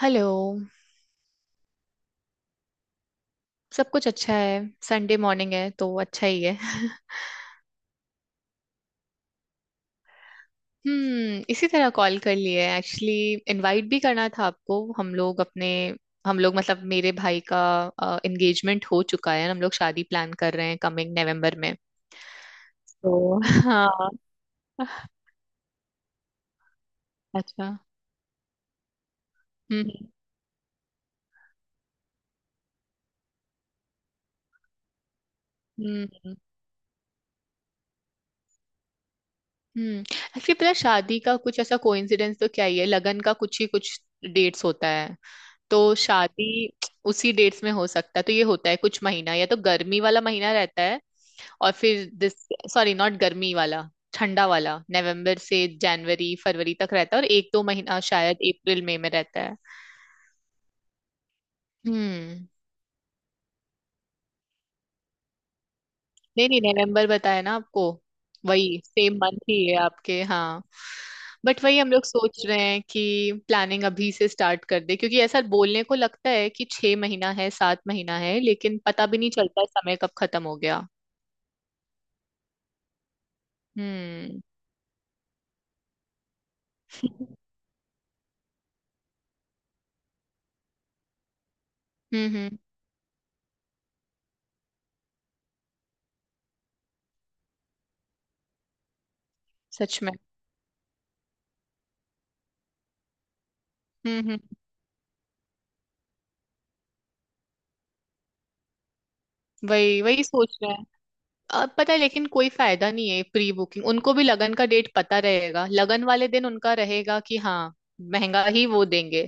Hello. सब कुछ अच्छा है। संडे मॉर्निंग है तो अच्छा ही है। हम्म। इसी तरह कॉल कर लिए एक्चुअली। इनवाइट भी करना था आपको। हम लोग मतलब मेरे भाई का एंगेजमेंट हो चुका है। हम लोग शादी प्लान कर रहे हैं कमिंग नवंबर में। तो हाँ। अच्छा। हम्म। हम्म। हम्म, एक्चुअली पता है, शादी का कुछ ऐसा कोइंसिडेंस तो क्या ही है। लगन का कुछ डेट्स होता है तो शादी उसी डेट्स में हो सकता है। तो ये होता है कुछ महीना, या तो गर्मी वाला महीना रहता है, और फिर दिस सॉरी नॉट गर्मी वाला, ठंडा वाला, नवंबर से जनवरी फरवरी तक रहता है, और एक दो महीना शायद अप्रैल मई में रहता है। हम्म। नहीं नहीं, नवंबर बताया ना आपको। वही सेम मंथ ही है आपके, हाँ। बट वही हम लोग सोच रहे हैं कि प्लानिंग अभी से स्टार्ट कर दे, क्योंकि ऐसा बोलने को लगता है कि 6 महीना है, 7 महीना है, लेकिन पता भी नहीं चलता है समय कब खत्म हो गया। हम्म। हम्म। सच में। हम्म। हम्म, वही वही सोच रहे हैं। अब पता है, लेकिन कोई फायदा नहीं है प्री बुकिंग। उनको भी लगन का डेट पता रहेगा। लगन वाले दिन उनका रहेगा कि हाँ, महंगा ही वो देंगे,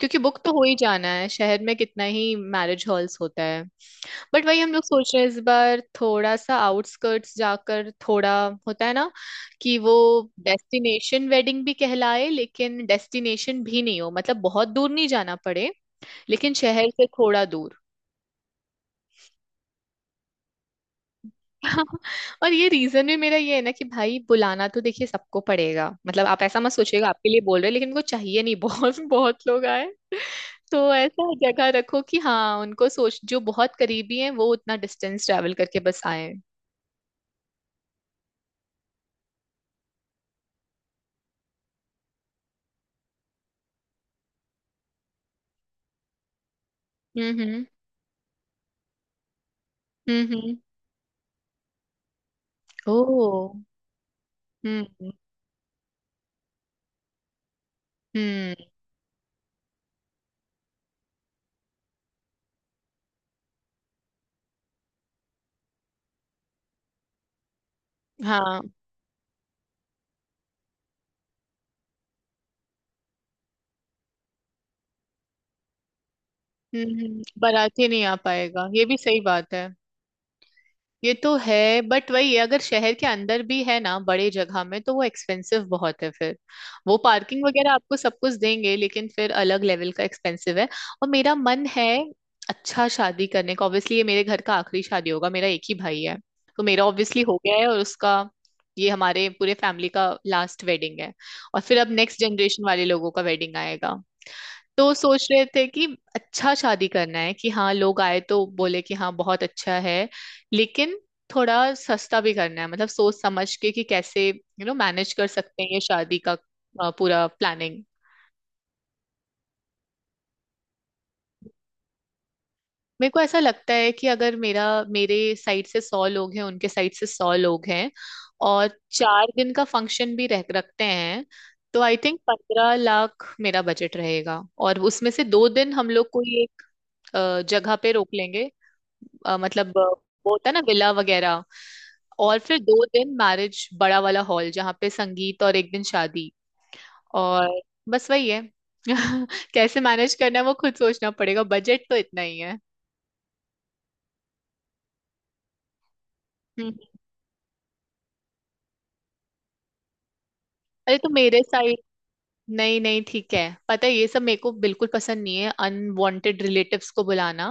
क्योंकि बुक तो हो ही जाना है। शहर में कितना ही मैरिज हॉल्स होता है। बट वही हम लोग सोच रहे हैं इस बार थोड़ा सा आउटस्कर्ट्स जाकर, थोड़ा होता है ना, कि वो डेस्टिनेशन वेडिंग भी कहलाए, लेकिन डेस्टिनेशन भी नहीं हो, मतलब बहुत दूर नहीं जाना पड़े, लेकिन शहर से थोड़ा दूर। और ये रीजन भी मेरा ये है ना कि भाई, बुलाना तो देखिए सबको पड़ेगा, मतलब आप ऐसा मत सोचिएगा आपके लिए बोल रहे हैं, लेकिन उनको चाहिए नहीं बहुत बहुत लोग आए। तो ऐसा जगह रखो कि हाँ, उनको सोच, जो बहुत करीबी हैं वो उतना डिस्टेंस ट्रैवल करके बस आए। हम्म। हम्म। हम्म। हम्म। ओ। हम्म। हम्म। हाँ। हम्म। बाराती नहीं आ पाएगा, ये भी सही बात है। ये तो है, बट वही है, अगर शहर के अंदर भी है ना बड़े जगह में तो वो एक्सपेंसिव बहुत है फिर। वो पार्किंग वगैरह आपको सब कुछ देंगे, लेकिन फिर अलग लेवल का एक्सपेंसिव है। और मेरा मन है अच्छा शादी करने का। ऑब्वियसली ये मेरे घर का आखिरी शादी होगा। मेरा एक ही भाई है, तो मेरा ऑब्वियसली हो गया है, और उसका ये हमारे पूरे फैमिली का लास्ट वेडिंग है। और फिर अब नेक्स्ट जनरेशन वाले लोगों का वेडिंग आएगा। तो सोच रहे थे कि अच्छा शादी करना है कि हाँ, लोग आए तो बोले कि हाँ बहुत अच्छा है, लेकिन थोड़ा सस्ता भी करना है, मतलब सोच समझ के कि कैसे यू नो मैनेज कर सकते हैं ये शादी का पूरा प्लानिंग। मेरे को ऐसा लगता है कि अगर मेरा मेरे साइड से 100 लोग हैं, उनके साइड से 100 लोग हैं, और 4 दिन का फंक्शन भी रख रखते हैं, तो आई थिंक 15 लाख मेरा बजट रहेगा। और उसमें से 2 दिन हम लोग कोई एक जगह पे रोक लेंगे। मतलब वो होता है ना विला वगैरह। और फिर 2 दिन मैरिज बड़ा वाला हॉल जहाँ पे संगीत, और एक दिन शादी, और बस वही है। कैसे मैनेज करना है वो खुद सोचना पड़ेगा, बजट तो इतना ही है। हम्म। अरे तो मेरे साइड, नहीं नहीं ठीक है। पता है, ये सब मेरे को बिल्कुल पसंद नहीं है, अनवांटेड रिलेटिव्स को बुलाना।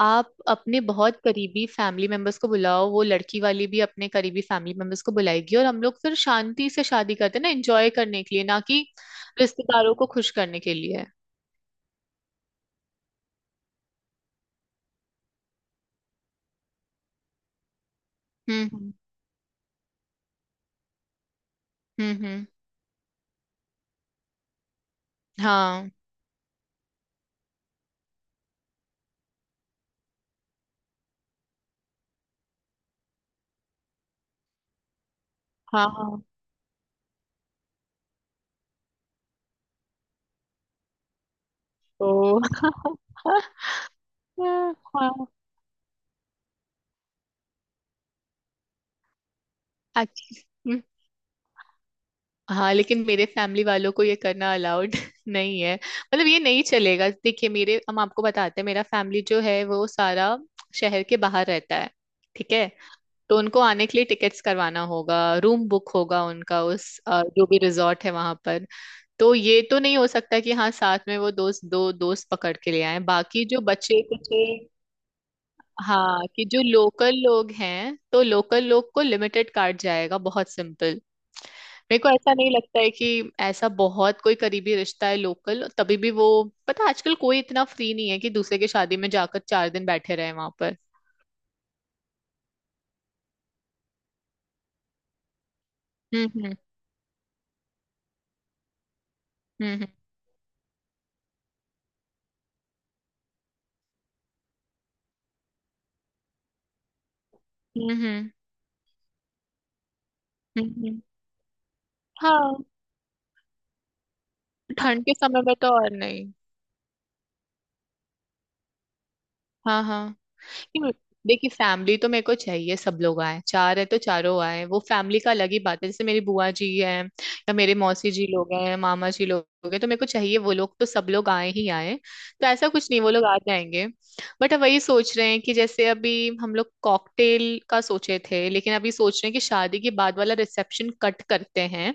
आप अपने बहुत करीबी फैमिली मेंबर्स को बुलाओ, वो लड़की वाली भी अपने करीबी फैमिली मेंबर्स को बुलाएगी, और हम लोग फिर शांति से शादी करते हैं ना, एंजॉय करने के लिए, ना कि रिश्तेदारों को खुश करने के लिए। हम्म। हम्म। हम्म। हाँ हाँ हाँ। तो हाँ। अच्छा। हम्म। हाँ लेकिन मेरे फैमिली वालों को ये करना अलाउड नहीं है, मतलब ये नहीं चलेगा। देखिए, मेरे हम आपको बताते हैं, मेरा फैमिली जो है वो सारा शहर के बाहर रहता है, ठीक है। तो उनको आने के लिए टिकट्स करवाना होगा, रूम बुक होगा उनका उस जो भी रिजॉर्ट है वहां पर। तो ये तो नहीं हो सकता कि हाँ साथ में वो दोस्त दो दोस्त पकड़ के ले आए बाकी जो बचे कुचे। हाँ, कि जो लोकल लोग हैं, तो लोकल लोग को लिमिटेड कार्ड जाएगा, बहुत सिंपल। मेरे को ऐसा नहीं लगता है कि ऐसा बहुत कोई करीबी रिश्ता है लोकल, तभी भी वो, पता है, आजकल कोई इतना फ्री नहीं है कि दूसरे की शादी में जाकर 4 दिन बैठे रहे वहां पर। हम्म। हम्म। हम्म। हम्म। हम्म। हम्म, हम्म। हाँ। ठंड के समय में तो और नहीं। हाँ हाँ। क्यों? देखिए, फैमिली तो मेरे को चाहिए सब लोग आए, चार है तो चारों आए, वो फैमिली का अलग ही बात है। जैसे मेरी बुआ जी है, या मेरे मौसी जी लोग हैं, मामा जी लोग हैं, तो मेरे को चाहिए वो लोग तो सब लोग आए ही आए। तो ऐसा कुछ नहीं, वो लोग आ जाएंगे। बट अब वही सोच रहे हैं कि जैसे अभी हम लोग कॉकटेल का सोचे थे, लेकिन अभी सोच रहे हैं कि शादी के बाद वाला रिसेप्शन कट करते हैं,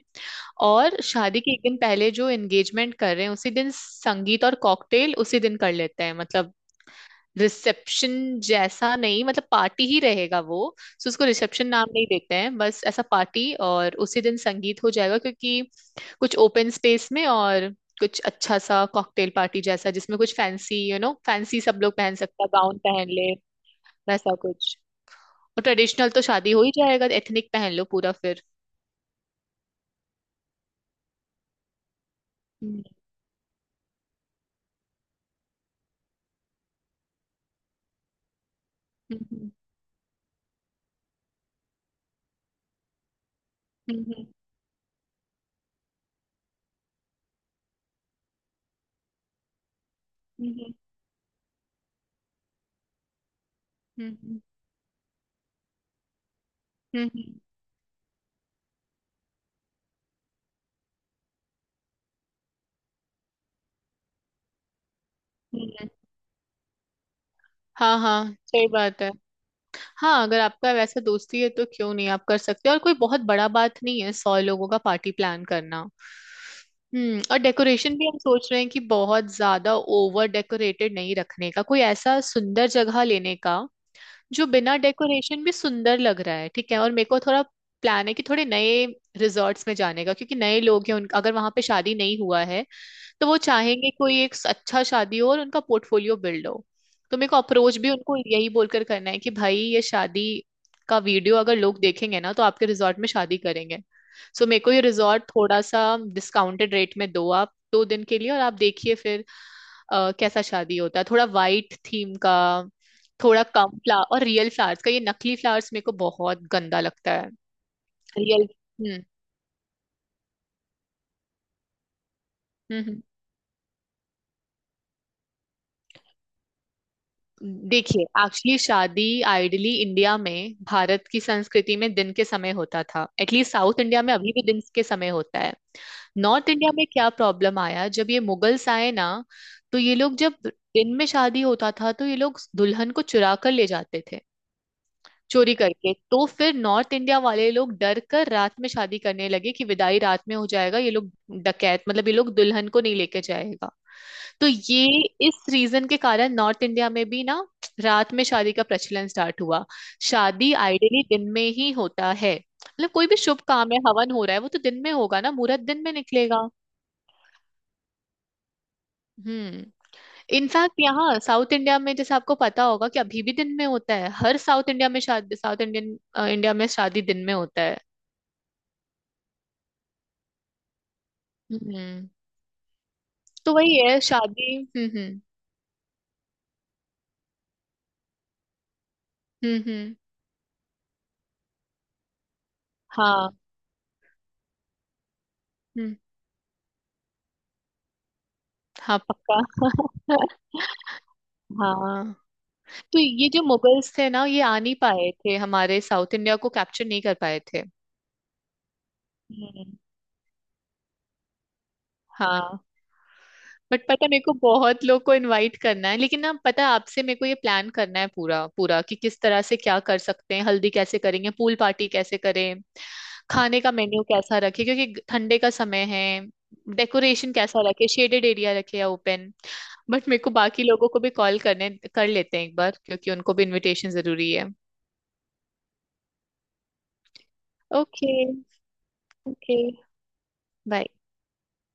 और शादी के एक दिन पहले जो एंगेजमेंट कर रहे हैं उसी दिन संगीत और कॉकटेल उसी दिन कर लेते हैं, मतलब रिसेप्शन जैसा नहीं, मतलब पार्टी ही रहेगा वो। सो उसको रिसेप्शन नाम नहीं देते हैं, बस ऐसा पार्टी, और उसी दिन संगीत हो जाएगा, क्योंकि कुछ ओपन स्पेस में, और कुछ अच्छा सा कॉकटेल पार्टी जैसा, जिसमें कुछ फैंसी, यू नो फैंसी सब लोग पहन सकता है, गाउन पहन ले, वैसा कुछ। और ट्रेडिशनल तो शादी हो ही जाएगा एथनिक पहन लो पूरा फिर। हम्म। हम्म। हम्म। हम्म। हम्म। हम्म। हम्म। हम्म। हम्म। हम्म। हाँ हाँ सही बात है। हाँ अगर आपका वैसा दोस्ती है तो क्यों नहीं आप कर सकते हो। और कोई बहुत बड़ा बात नहीं है 100 लोगों का पार्टी प्लान करना। हम्म। और डेकोरेशन भी हम सोच रहे हैं कि बहुत ज्यादा ओवर डेकोरेटेड नहीं रखने का, कोई ऐसा सुंदर जगह लेने का जो बिना डेकोरेशन भी सुंदर लग रहा है, ठीक है। और मेरे को थोड़ा प्लान है कि थोड़े नए रिजॉर्ट्स में जाने का, क्योंकि नए लोग हैं उन, अगर वहां पे शादी नहीं हुआ है तो वो चाहेंगे कोई एक अच्छा शादी हो और उनका पोर्टफोलियो बिल्ड हो। तो मेरे को अप्रोच भी उनको यही बोलकर करना है कि भाई, ये शादी का वीडियो अगर लोग देखेंगे ना तो आपके रिजॉर्ट में शादी करेंगे। सो मेरे को ये रिजॉर्ट थोड़ा सा डिस्काउंटेड रेट में दो आप, 2 दिन के लिए, और आप देखिए फिर कैसा शादी होता है। थोड़ा वाइट थीम का, थोड़ा कम फ्लावर, और रियल फ्लावर्स का। ये नकली फ्लावर्स मेरे को बहुत गंदा लगता है। रियल। हम्म। हम्म। हम्म। देखिए एक्चुअली शादी आइडली इंडिया में, भारत की संस्कृति में दिन के समय होता था। एटलीस्ट साउथ इंडिया में अभी भी दिन के समय होता है। नॉर्थ इंडिया में क्या प्रॉब्लम आया जब ये मुगल्स आए ना, तो ये लोग, जब दिन में शादी होता था तो ये लोग दुल्हन को चुरा कर ले जाते थे चोरी करके। तो फिर नॉर्थ इंडिया वाले लोग डर कर रात में शादी करने लगे कि विदाई रात में हो जाएगा, ये लोग डकैत, मतलब ये लोग दुल्हन को नहीं लेके जाएगा। तो ये इस रीजन के कारण नॉर्थ इंडिया में भी ना रात में शादी का प्रचलन स्टार्ट हुआ। शादी आइडियली दिन में ही होता है, मतलब कोई भी शुभ काम है, हवन हो रहा है वो तो दिन में होगा ना, मुहूर्त दिन में निकलेगा। हम्म। इनफैक्ट यहाँ साउथ इंडिया में, जैसे आपको पता होगा कि अभी भी दिन में होता है, हर साउथ इंडिया में शादी, साउथ इंडियन इंडिया में शादी दिन में होता है। हम्म। तो वही है शादी। हम्म। हम्म। हम्म। हम्म। हाँ। हम्म। हाँ पक्का। हाँ। तो ये जो मुगल्स थे ना, ये आ नहीं पाए थे, हमारे साउथ इंडिया को कैप्चर नहीं कर पाए थे। हम्म। हाँ। बट पता है, मेरे को बहुत लोग को इनवाइट करना है, लेकिन ना, पता है, आपसे मेरे को ये प्लान करना है पूरा पूरा, कि किस तरह से क्या कर सकते हैं, हल्दी कैसे करेंगे, पूल पार्टी कैसे करें, खाने का मेन्यू कैसा रखे क्योंकि ठंडे का समय है, डेकोरेशन कैसा रखे, शेडेड एरिया रखे या ओपन। बट मेरे को बाकी लोगों को भी कॉल करने, कर लेते हैं एक बार क्योंकि उनको भी इनविटेशन जरूरी है। ओके। Okay bye.